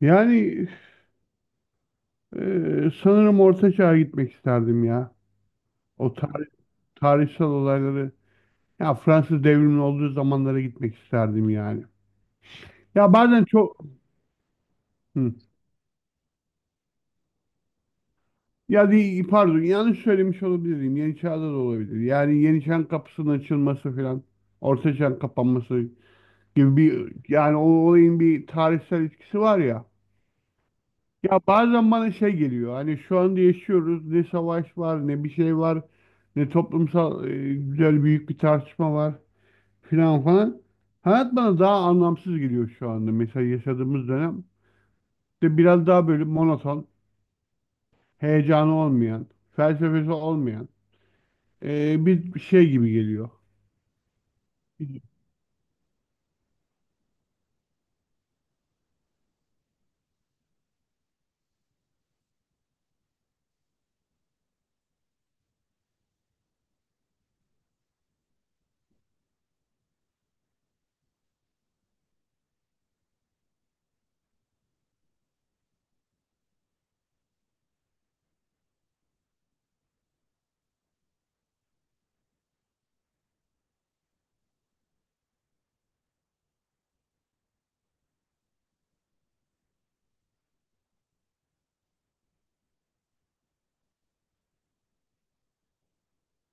Yani e, sanırım Orta Çağ'a gitmek isterdim ya. O tarih, Tarihsel olayları, ya Fransız devrimi olduğu zamanlara gitmek isterdim yani. Ya bazen çok. Hı. Ya pardon, yanlış söylemiş olabilirim. Yeni Çağ'da da olabilir. Yani Yeni Çağ'ın kapısının açılması falan, Orta Çağ'ın kapanması gibi bir, yani o olayın bir tarihsel etkisi var ya. Ya bazen bana şey geliyor, hani şu anda yaşıyoruz, ne savaş var ne bir şey var, ne toplumsal güzel büyük bir tartışma var filan falan. Hayat bana daha anlamsız geliyor şu anda, mesela yaşadığımız dönem de biraz daha böyle monoton, heyecanı olmayan, felsefesi olmayan bir şey gibi geliyor.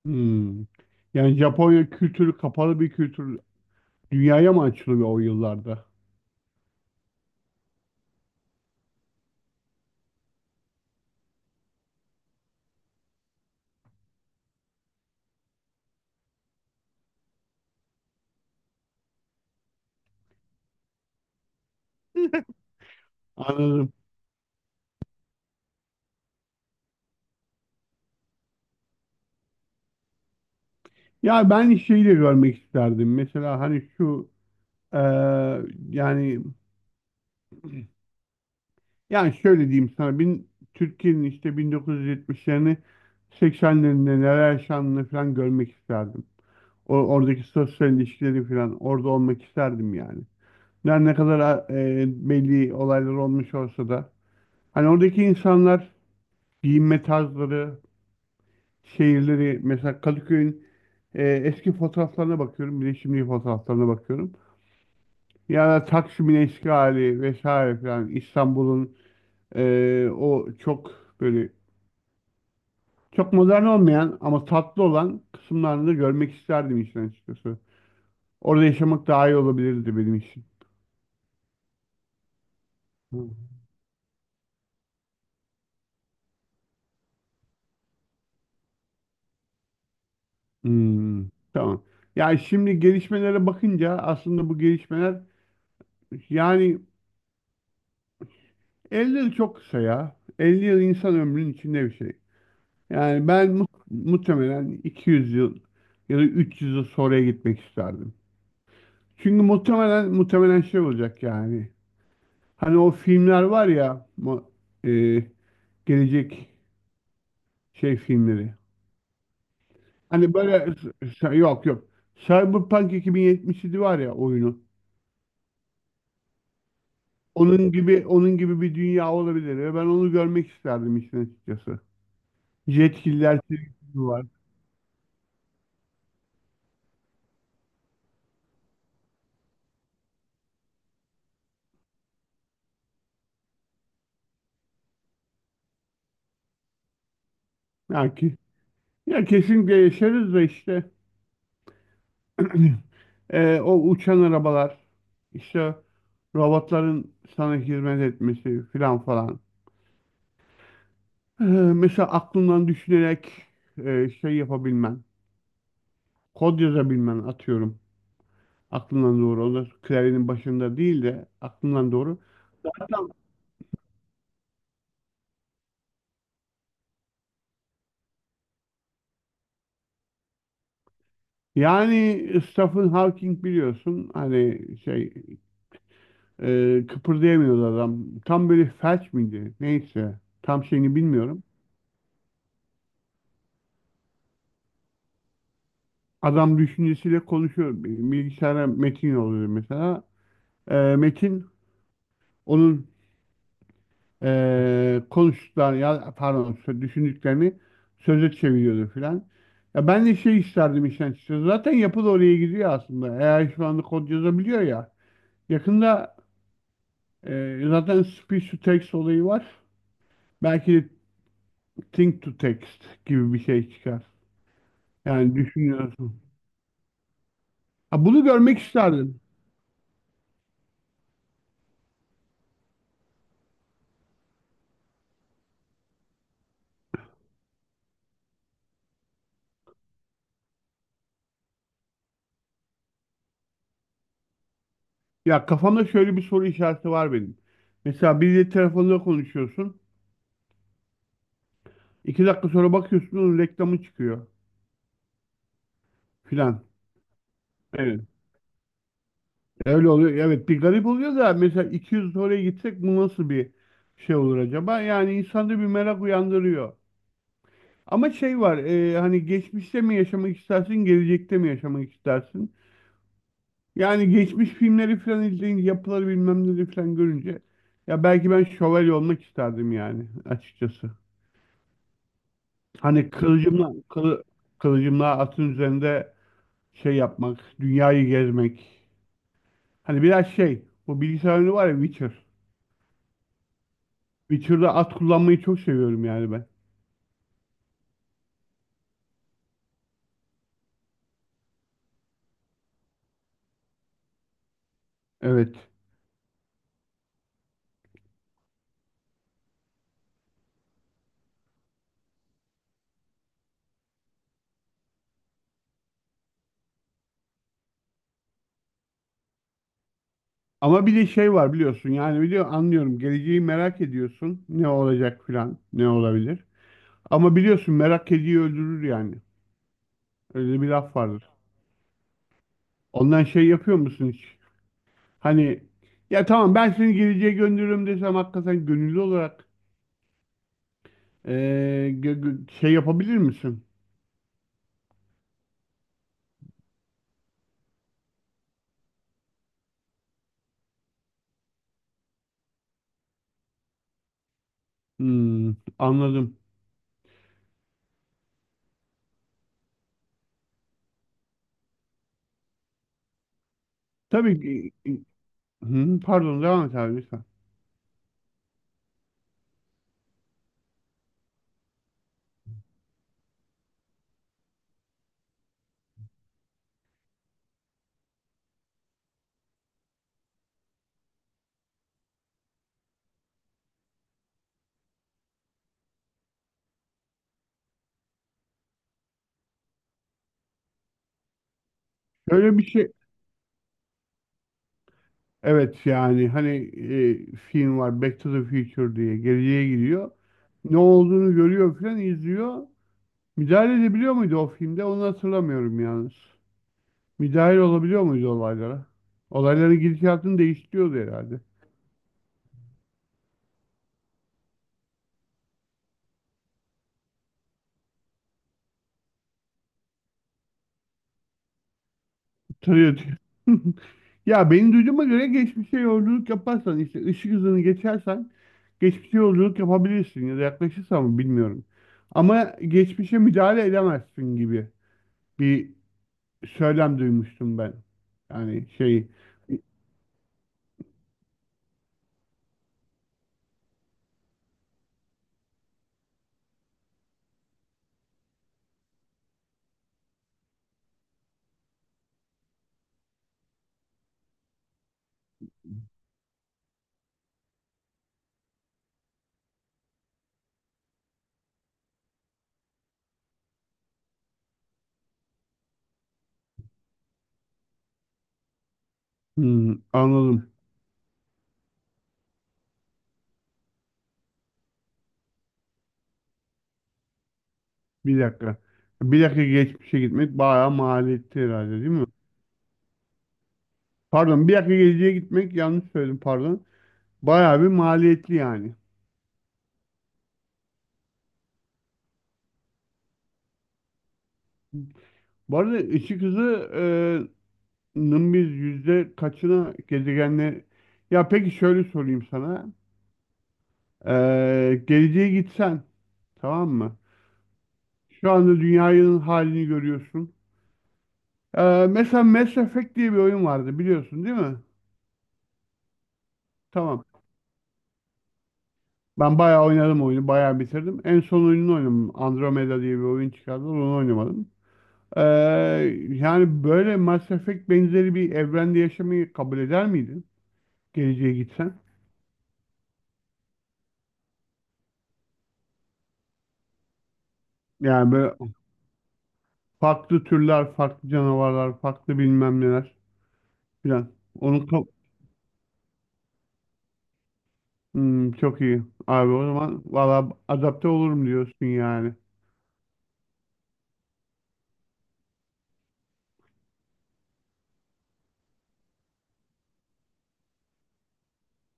Hmm. Yani Japonya kültürü kapalı bir kültür, dünyaya mı açılıyor o yıllarda? Anladım. Ya ben şeyi de görmek isterdim. Mesela hani şu e, yani yani şöyle diyeyim sana, Türkiye'nin işte 1970'lerini, 80'lerinde neler yaşandığını falan görmek isterdim. Oradaki sosyal ilişkileri falan, orada olmak isterdim yani. Yani ne kadar belli olaylar olmuş olsa da. Hani oradaki insanlar, giyinme tarzları, şehirleri, mesela Kadıköy'ün eski fotoğraflarına bakıyorum bir de şimdiki fotoğraflarına bakıyorum. Ya da Taksim'in eşkali vesaire falan, İstanbul'un o çok böyle, çok modern olmayan ama tatlı olan kısımlarını da görmek isterdim işin açıkçası. Orada yaşamak daha iyi olabilirdi benim için. Hı. Hmm, tamam. Yani şimdi gelişmelere bakınca, aslında bu gelişmeler, yani 50 yıl çok kısa ya. 50 yıl insan ömrünün içinde bir şey. Yani ben muhtemelen 200 yıl ya da 300 yıl sonraya gitmek isterdim. Çünkü muhtemelen muhtemelen şey olacak yani. Hani o filmler var ya, e, gelecek şey filmleri. Hani böyle yok, yok. Cyberpunk 2077 var ya, oyunu. Onun gibi onun gibi bir dünya olabilir ve ben onu görmek isterdim işin açıkçası. Yetkililer var. Ya, ya kesinlikle yaşarız da işte o uçan arabalar, işte robotların sana hizmet etmesi filan falan. Mesela aklından düşünerek şey yapabilmen, kod yazabilmen atıyorum. Aklından doğru. O da klavyenin başında değil de aklından doğru. Hatta yani Stephen Hawking biliyorsun, hani şey, kıpırdayamıyordu adam. Tam böyle felç miydi? Neyse. Tam şeyini bilmiyorum. Adam düşüncesiyle konuşuyor. Bilgisayara metin yolluyor mesela. Metin, onun konuştuklarını, ya pardon düşündüklerini söze çeviriyordu filan. Ya ben de şey isterdim işten çıkıyor. Zaten yapı da oraya gidiyor aslında. Eğer şu anda kod yazabiliyor ya. Yakında zaten speech to text olayı var. Belki de think to text gibi bir şey çıkar. Yani düşünüyorsun. Ha, bunu görmek isterdim. Ya, kafamda şöyle bir soru işareti var benim. Mesela biriyle telefonda konuşuyorsun. 2 dakika sonra bakıyorsun onun reklamı çıkıyor filan. Evet. Öyle oluyor. Evet, bir garip oluyor da, mesela 200 oraya gitsek bu nasıl bir şey olur acaba? Yani insanda bir merak uyandırıyor. Ama şey var, hani geçmişte mi yaşamak istersin, gelecekte mi yaşamak istersin? Yani geçmiş filmleri falan izleyince, yapıları bilmem neleri falan görünce, ya belki ben şövalye olmak isterdim yani açıkçası. Hani kılıcımla atın üzerinde şey yapmak, dünyayı gezmek. Hani biraz şey, bu bilgisayar oyunu var ya, Witcher. Witcher'da at kullanmayı çok seviyorum yani ben. Evet. Ama bir de şey var biliyorsun, yani anlıyorum geleceği merak ediyorsun, ne olacak filan, ne olabilir. Ama biliyorsun, merak kediyi öldürür yani. Öyle bir laf vardır. Ondan şey yapıyor musun hiç? Hani, ya tamam, ben seni geleceğe gönderiyorum desem, hakikaten gönüllü olarak eee, şey yapabilir misin? Hmm, anladım. Tabii ki. Hı, pardon devam et abi lütfen. Şöyle bir şey. Evet yani hani film var, Back to the Future diye, geleceğe gidiyor. Ne olduğunu görüyor filan izliyor. Müdahale edebiliyor muydu o filmde? Onu hatırlamıyorum yalnız. Müdahale olabiliyor muydu olaylara? Olayların gidişatını değiştiriyordu herhalde. Tabii. Ya benim duyduğuma göre geçmişe yolculuk yaparsan işte ışık hızını geçersen geçmişe yolculuk yapabilirsin, ya da yaklaşırsan mı bilmiyorum. Ama geçmişe müdahale edemezsin gibi bir söylem duymuştum ben. Yani şey. Hmm, anladım. Bir dakika. Bir dakika geçmişe gitmek bayağı maliyetli herhalde, değil mi? Pardon, bir dakika geleceğe gitmek, yanlış söyledim pardon. Bayağı bir maliyetli yani. Bu arada ışık hızı nın biz yüzde kaçına gezegenle, ya peki şöyle sorayım sana. Geleceğe gitsen, tamam mı, şu anda dünyanın halini görüyorsun. Mesela Mass Effect diye bir oyun vardı, biliyorsun değil mi? Tamam, ben bayağı oynadım oyunu, bayağı bitirdim, en son oyununu oynadım, Andromeda diye bir oyun çıkardılar, onu oynamadım. Ee, Yani böyle Mass Effect benzeri bir evrende yaşamayı kabul eder miydin, geleceğe gitsen? Yani böyle farklı türler, farklı canavarlar, farklı bilmem neler filan. Onu ka- Hmm, çok iyi. Abi o zaman valla adapte olurum diyorsun yani.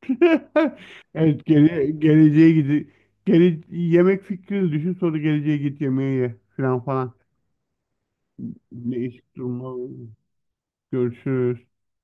Evet geleceğe gidi gele yemek fikrini düşün, sonra geleceğe git, yemeğe ye filan falan. Değişik durumlar. Görüşürüz.